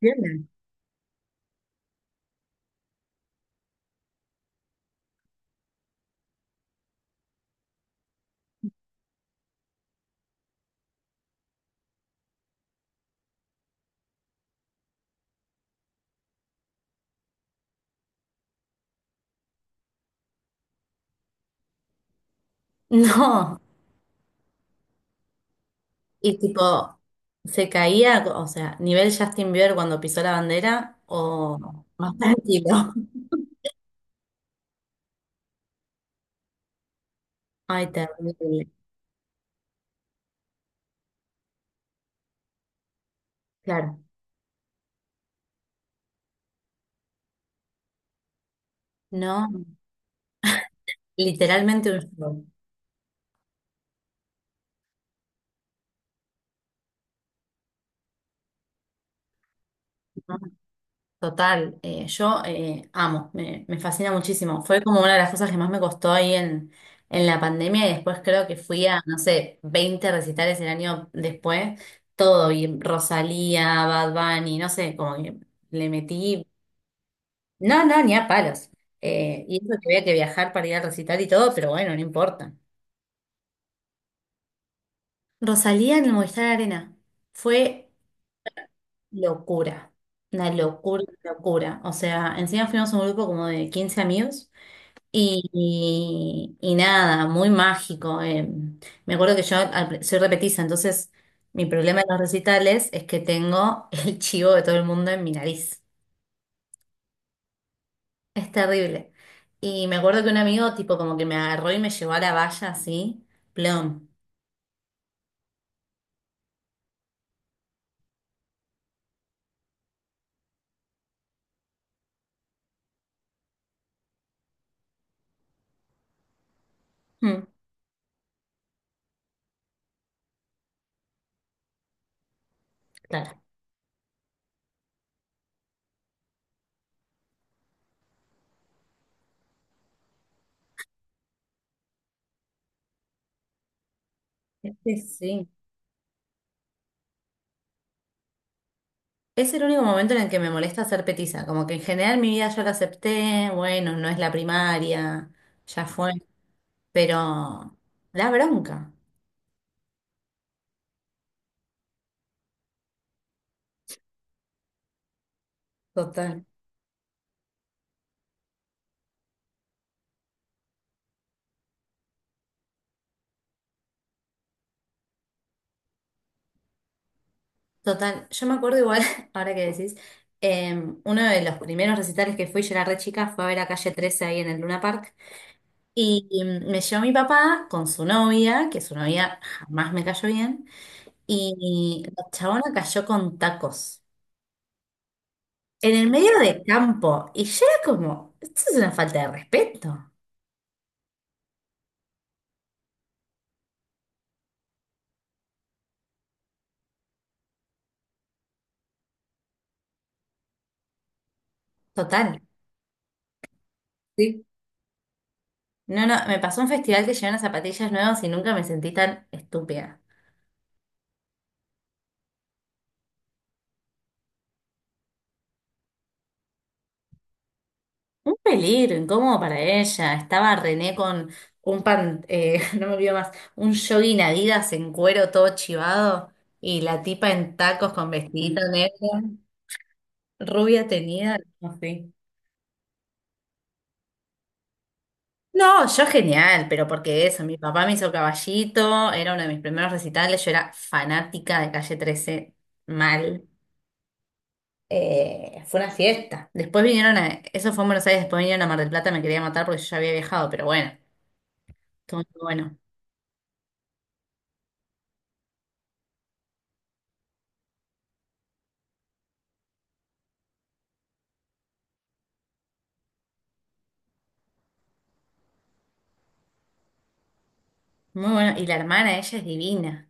Bien. No. Y tipo, se caía, o sea, nivel Justin Bieber cuando pisó la bandera o más tranquilo. Ay, terrible. Claro. No, literalmente un show. ¿No? Total. Yo amo, me fascina muchísimo. Fue como una de las cosas que más me costó en la pandemia y después creo que fui a, no sé, 20 recitales el año después. Todo y Rosalía, Bad Bunny, no sé, como que le metí. No, no, ni a palos. Y eso que había que viajar para ir al recital y todo, pero bueno, no importa. Rosalía en el Movistar Arena fue locura, una locura, una locura. O sea, encima fuimos un grupo como de 15 amigos y nada, muy mágico. Eh. Me acuerdo que yo al soy repetiza, entonces mi problema en los recitales es que tengo el chivo de todo el mundo en mi nariz. Es terrible. Y me acuerdo que un amigo tipo como que me agarró y me llevó a la valla así, plom. Mm. Claro. Este sí. Es el único momento en el que me molesta ser petiza, como que en general mi vida yo la acepté, bueno, no es la primaria, ya fue, pero la bronca. Total. Total, yo me acuerdo igual, ahora que decís, eh, uno de los primeros recitales que fui, yo era re chica, fue a ver a Calle trece ahí en el Luna Park. Y me llevó mi papá con su novia, que su novia jamás me cayó bien, y la chabona cayó con tacos en el medio del campo. Y yo era como, esto es una falta de respeto, total. Sí. No, no, me pasó un festival que llevaron zapatillas nuevas y nunca me sentí tan estúpida. Un peligro, incómodo para ella. Estaba René con un pan, no me olvido más, un jogging Adidas en cuero todo chivado y la tipa en tacos con vestidito negro. Rubia tenía. Así. No, yo genial, pero porque eso, mi papá me hizo Caballito, era uno de mis primeros recitales, yo era fanática de Calle trece, mal. Fue una fiesta. Después eso fue en Buenos Aires, después vinieron a Mar del Plata, me quería matar porque yo ya había viajado, pero bueno, todo muy bueno, muy bueno. Y la hermana, ella es divina,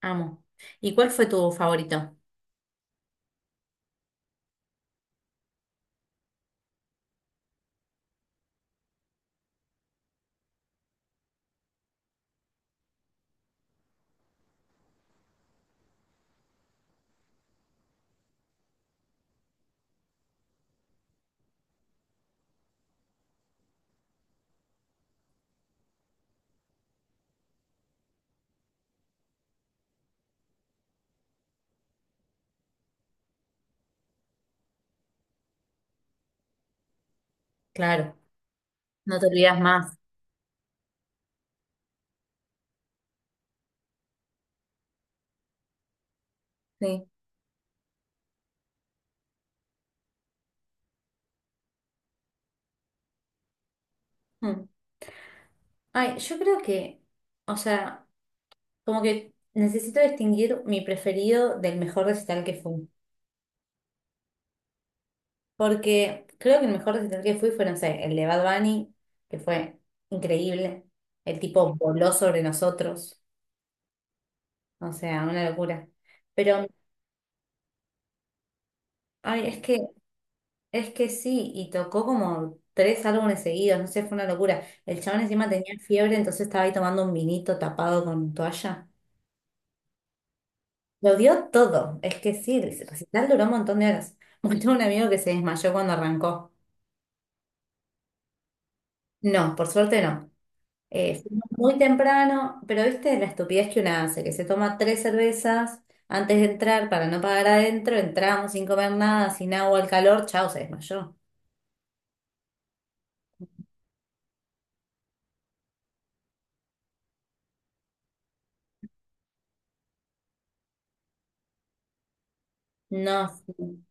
amo. ¿Y cuál fue tu favorito? Claro, no te olvidas más. Sí. Mm. Ay, yo creo que, o sea... Como que necesito distinguir mi preferido del mejor recital que fui. Porque creo que el mejor recital que fui fue, no sé, el de Bad Bunny, que fue increíble. El tipo voló sobre nosotros. O sea, una locura. Pero, ay, es que, es que sí, y tocó como tres álbumes seguidos, no sé, fue una locura. El chabón encima tenía fiebre, entonces estaba ahí tomando un vinito tapado con toalla. Lo dio todo. Es que sí, el recital duró un montón de horas. Bueno, tengo un amigo que se desmayó cuando arrancó. No, por suerte no. Fuimos muy temprano, pero viste la estupidez que una hace, que se toma tres cervezas antes de entrar para no pagar adentro, entramos sin comer nada, sin agua, el calor, chao, se desmayó. No, sí.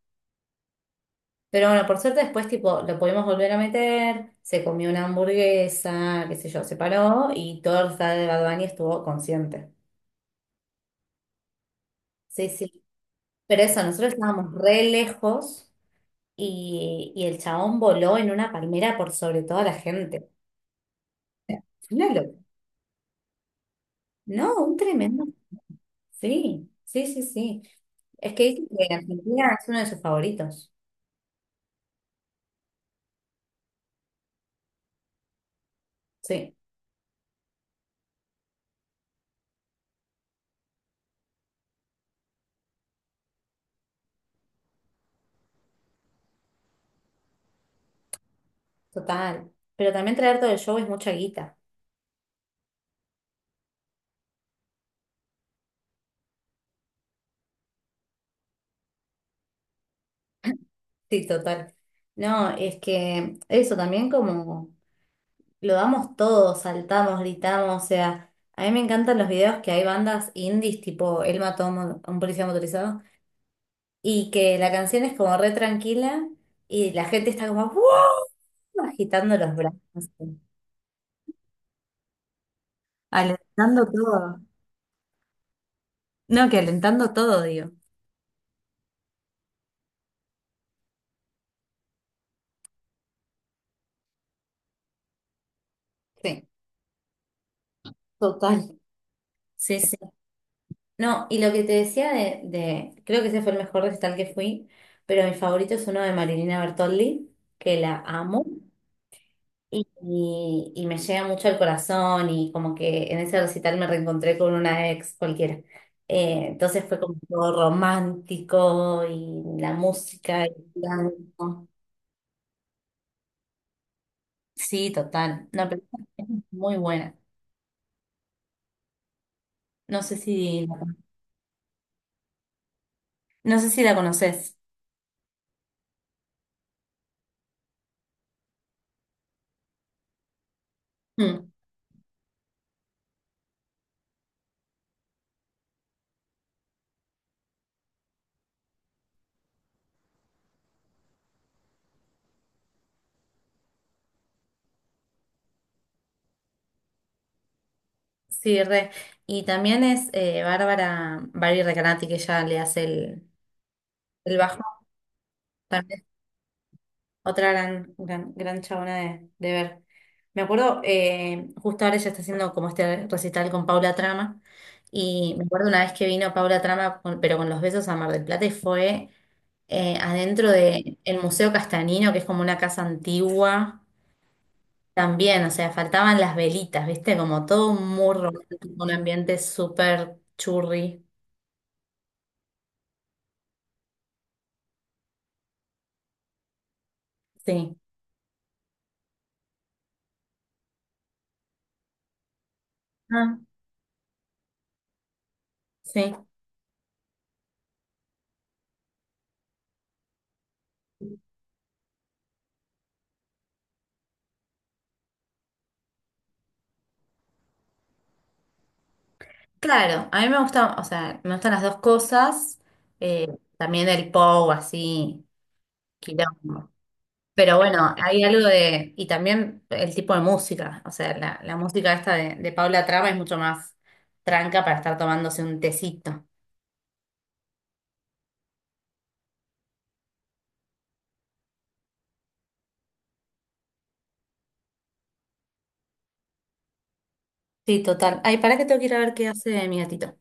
Pero bueno, por suerte después tipo lo pudimos volver a meter, se comió una hamburguesa, qué sé yo, se paró y todo el estado de Bad Bunny estuvo consciente. Sí, sí. Pero eso, nosotros estábamos re lejos y el chabón voló en una palmera por sobre toda la gente. Una. No, un tremendo. Sí, sí, sí, sí. Es que dicen que Argentina es uno de sus favoritos. Sí, total. Pero también traer todo el show es mucha guita. Sí, total. No, es que eso también como lo damos todo, saltamos, gritamos, o sea, a mí me encantan los videos que hay bandas indies tipo Él mató a un a un policía motorizado y que la canción es como re tranquila y la gente está como ¡wow! Agitando los brazos, alentando todo. No, que alentando todo, digo. Sí, total. Sí, sí. No, y lo que te decía creo que ese fue el mejor recital que fui, pero mi favorito es uno de Marilina Bertoldi, que la amo y me llega mucho al corazón y como que en ese recital me reencontré con una ex cualquiera. Entonces fue como todo romántico y la música y el canto. Sí, total. No, pero es muy buena. No sé si, no sé si la conoces. Mm. Sí, re. Y también es Bárbara, Barbie Recanati, que ella le hace el bajo. También es otra gran, gran, gran chabona de ver. Me acuerdo, justo ahora ella está haciendo como este recital con Paula Trama. Y me acuerdo una vez que vino Paula Trama, pero con los besos a Mar del Plata, y fue adentro del Museo Castanino, que es como una casa antigua. También, o sea, faltaban las velitas, ¿viste? Como todo muy romántico, un ambiente súper churri. Sí. Ah, sí, claro, a mí me gusta, o sea, me gustan las dos cosas, eh, también el pop así, quilombo, pero bueno, hay algo de, y también el tipo de música, o sea, la música esta de Paula Traba es mucho más tranca para estar tomándose un tecito. Sí, total. Ay, para que tengo que ir a ver qué hace mi gatito.